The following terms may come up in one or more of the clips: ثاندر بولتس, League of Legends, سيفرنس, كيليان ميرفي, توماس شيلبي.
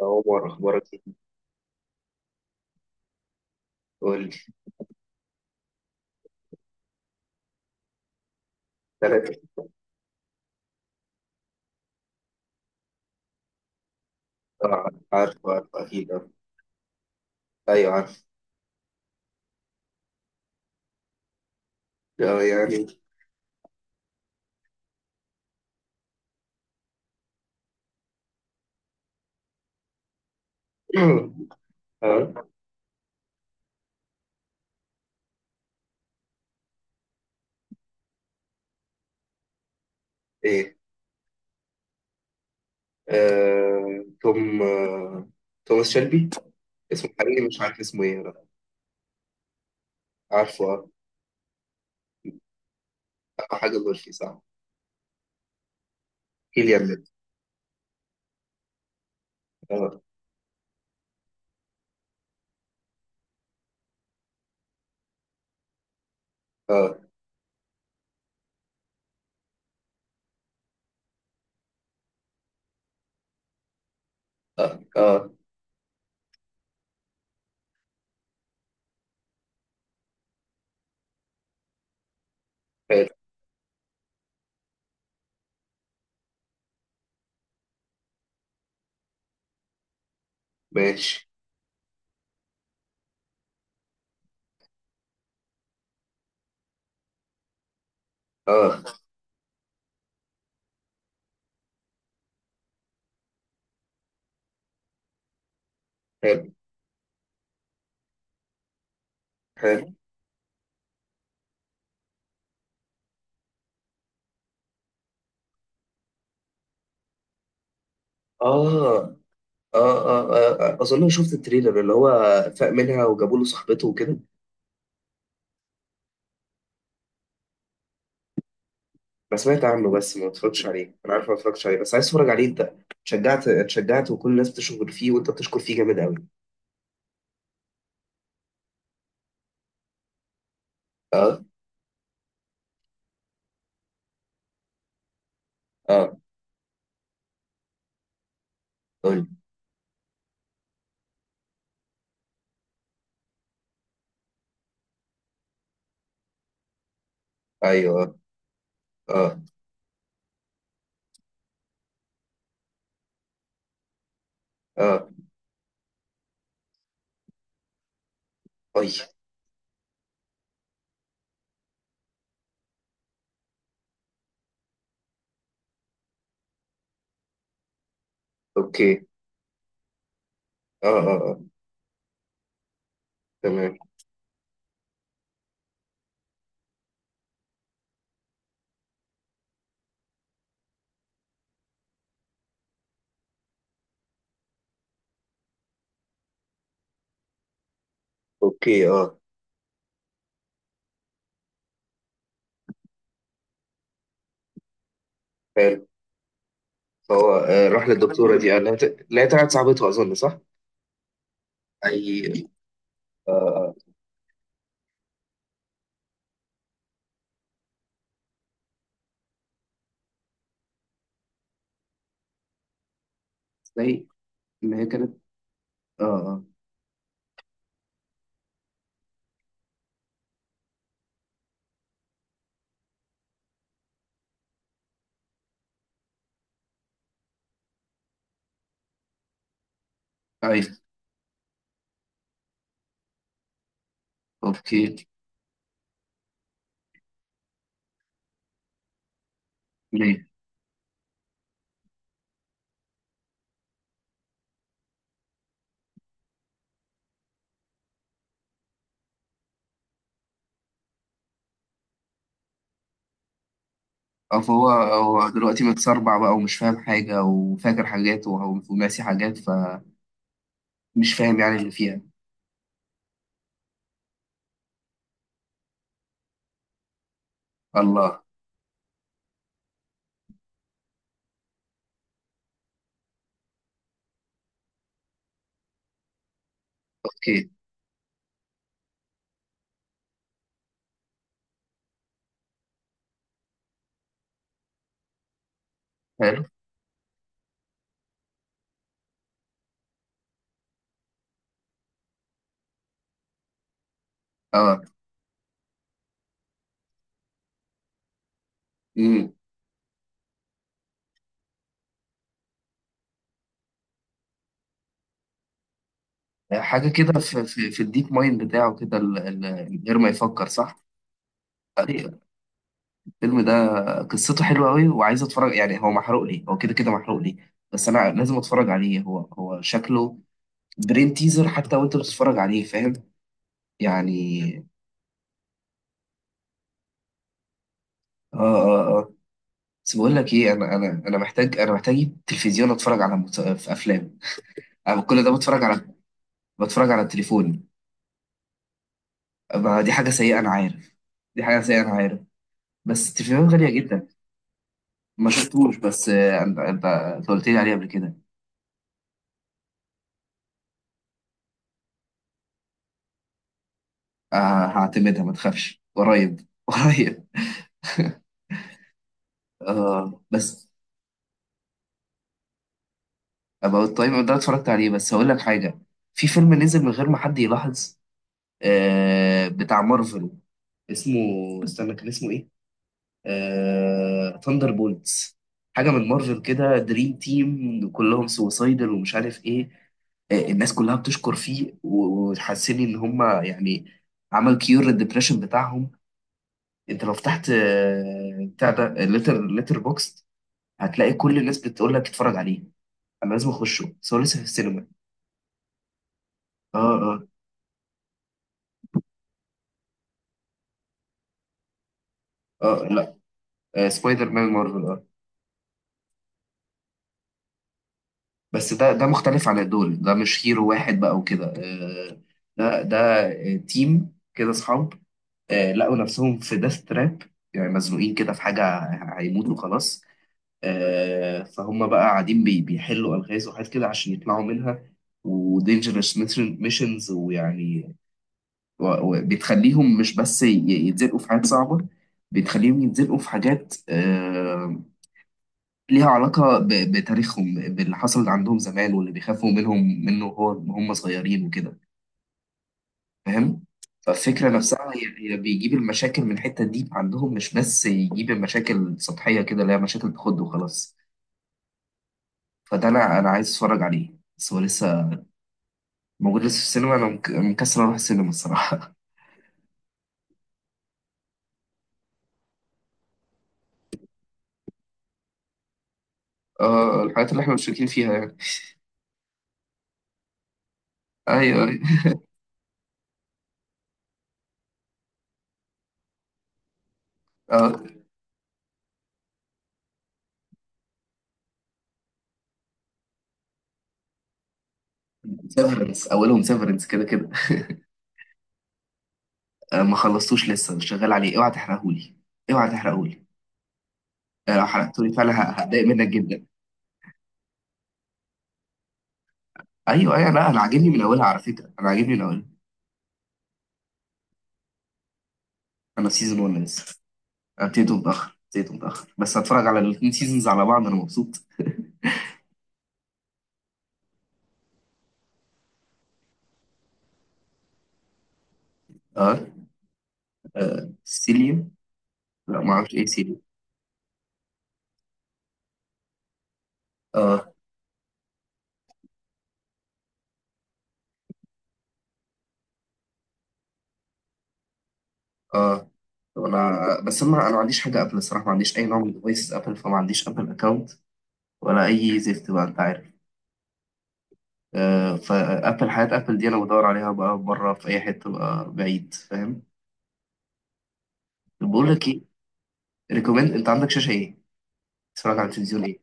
عمر أخبارك إيه؟ قول لي. تلاتة. آه، عارفه عارفه أكيد عارفه. أيوه عارف. آه يعني. آه. إيه. توم توماس شيلبي. اسمه حقيقي مش عارف اسمه إيه أنا. عارفه. آه، حاجة غلطي صح. كيليان ميرفي. آه. آه آه آه. حلو. ماشي. آه. حلو. حلو. آه. آه. آه, آه, آه أظن شفت التريلر اللي هو فاق منها وجابوا له صاحبته وكده. انا سمعت عنه بس ما اتفرجتش عليه، انا عارف ما اتفرجتش عليه بس عايز اتفرج عليه، انت. اتشجعت اتشجعت وكل الناس بتشكر فيه وانت بتشكر فيه جامد قوي. اه اه. قول. ايوه. اه اه. اي. اوكي. اه اه اه. تمام. اوكي. اه. حلو. فهو راح للدكتوره دي قال لها لا، هي طلعت صاحبته اظن صح؟ اي. اه اه. زي. ان هي كانت. اه اه. ايوه. اوكي. ليه؟ اه، فهو دلوقتي متسربع بقى ومش فاهم حاجه وفاكر حاجات وناسي حاجات. مش فاهم يعني اللي فيها. الله. اوكي. حلو. اه. امم. حاجه كده في الديب مايند بتاعه كده من غير ما يفكر صح. أيوة. الفيلم ده قصته حلوه قوي وعايز اتفرج يعني، هو محروق لي هو كده كده محروق لي. بس انا لازم اتفرج عليه، هو شكله برين تيزر حتى وانت بتتفرج عليه فاهم. يعني. اه اه اه. بس بقول لك ايه، انا محتاج تلفزيون اتفرج على في افلام. انا كل ده بتفرج على التليفون. ما دي حاجة سيئة أنا عارف. دي حاجة سيئة أنا عارف. بس التليفونات غالية جدا. ما شفتوش بس أنت قلت لي عليها قبل كده. آه هعتمدها ما تخافش قريب قريب. آه بس أبقى التايم ده اتفرجت عليه بس هقول لك حاجة. في فيلم نزل من غير ما حد يلاحظ، بتاع مارفل، اسمه. استنى كان اسمه إيه؟ ثاندر بولتس. حاجه من مارفل كده، دريم تيم كلهم سوسايدر ومش عارف ايه. الناس كلها بتشكر فيه وتحسني ان هم يعني عمل كيور للدبريشن بتاعهم. انت لو فتحت بتاع ده ليتر بوكس هتلاقي كل الناس بتقول لك اتفرج عليه. انا لازم اخشه بس هو لسه في السينما. اه اه اه. لا، سبايدر مان مارفل اه. بس ده مختلف عن دول، ده مش هيرو واحد بقى وكده. آه ده ده آه، تيم كده اصحاب، لقوا نفسهم في ديث تراب يعني، مزنوقين كده في حاجة، هيموتوا خلاص. فهم بقى قاعدين بيحلوا ألغاز وحاجات كده عشان يطلعوا منها ودينجرس ميشنز ويعني وبتخليهم مش بس يتزنقوا في حاجات صعبة، بتخليهم يتزنقوا في حاجات ليها علاقة بتاريخهم باللي حصل عندهم زمان واللي بيخافوا منه هو هم صغيرين وكده فاهم. فالفكرة نفسها، هي بيجيب المشاكل من الحتة دي عندهم، مش بس يجيب المشاكل سطحية كده اللي هي مشاكل تخد وخلاص. فده أنا عايز أتفرج عليه بس هو لسه موجود لسه في السينما. أنا مكسر أروح السينما الصراحة. اه الحاجات اللي احنا مشتركين فيها يعني. ايوه ايوه. اه، سيفرنس، اولهم سيفرنس كده كده. آه ما خلصتوش لسه، مش شغال عليه، اوعى تحرقهولي اوعى تحرقهولي. لو حرقتولي فعلا هتضايق منك جدا. ايوه ايوه. لا انا عاجبني من اولها على فكره، انا عاجبني من اولها. انا في سيزون 1 لسه. ابتديته متأخر ابتديته متأخر بس هتفرج على الاتنين سيزونز على بعض، انا مبسوط. اه. آه. سيليو. لا ما اعرفش ايه سيليو. اه اه. انا بس انا ما عنديش حاجه ابل الصراحه، ما عنديش اي نوع من ديفايسز ابل، فما عنديش ابل اكونت ولا اي زفت بقى انت عارف. فابل، حياه ابل دي انا بدور عليها بقى بره في اي حته بقى بعيد فاهم. بقول لك ايه، ريكومند، انت عندك شاشه ايه؟ تتفرج على التلفزيون ايه؟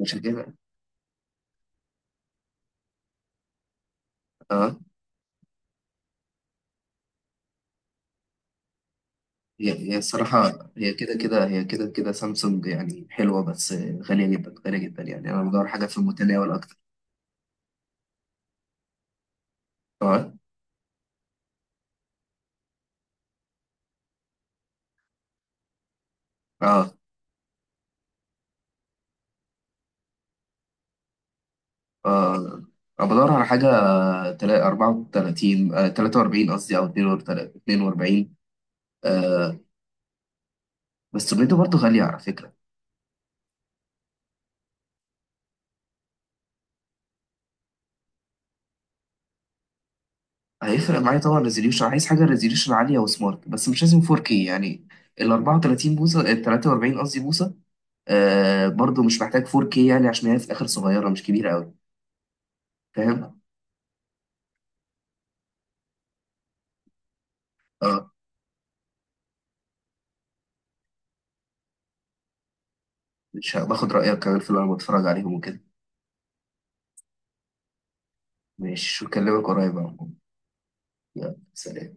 شاشه كده. آه. هي الصراحة، هي كده كده هي كده كده سامسونج يعني حلوة بس غالية جدا غالية جدا يعني. أنا بدور حاجة في المتناول أكتر. اه اه اه. أنا بدور على حاجة 34 43 قصدي أو 42. آه بس سميته برضه غالية على فكرة. هيفرق معايا طبعا ريزوليوشن، عايز حاجة ريزوليوشن عالية وسمارت بس مش لازم 4K يعني. ال 34 بوصة ال 43 قصدي بوصة. آه برضه مش محتاج 4K يعني عشان هي في الآخر صغيرة مش كبيرة أوي. فاهم؟ آه، مش باخد رأيك كمان في اللي أنا بتفرج عليهم وكده. ماشي أكلمك قريب يا عم. يلا سلام.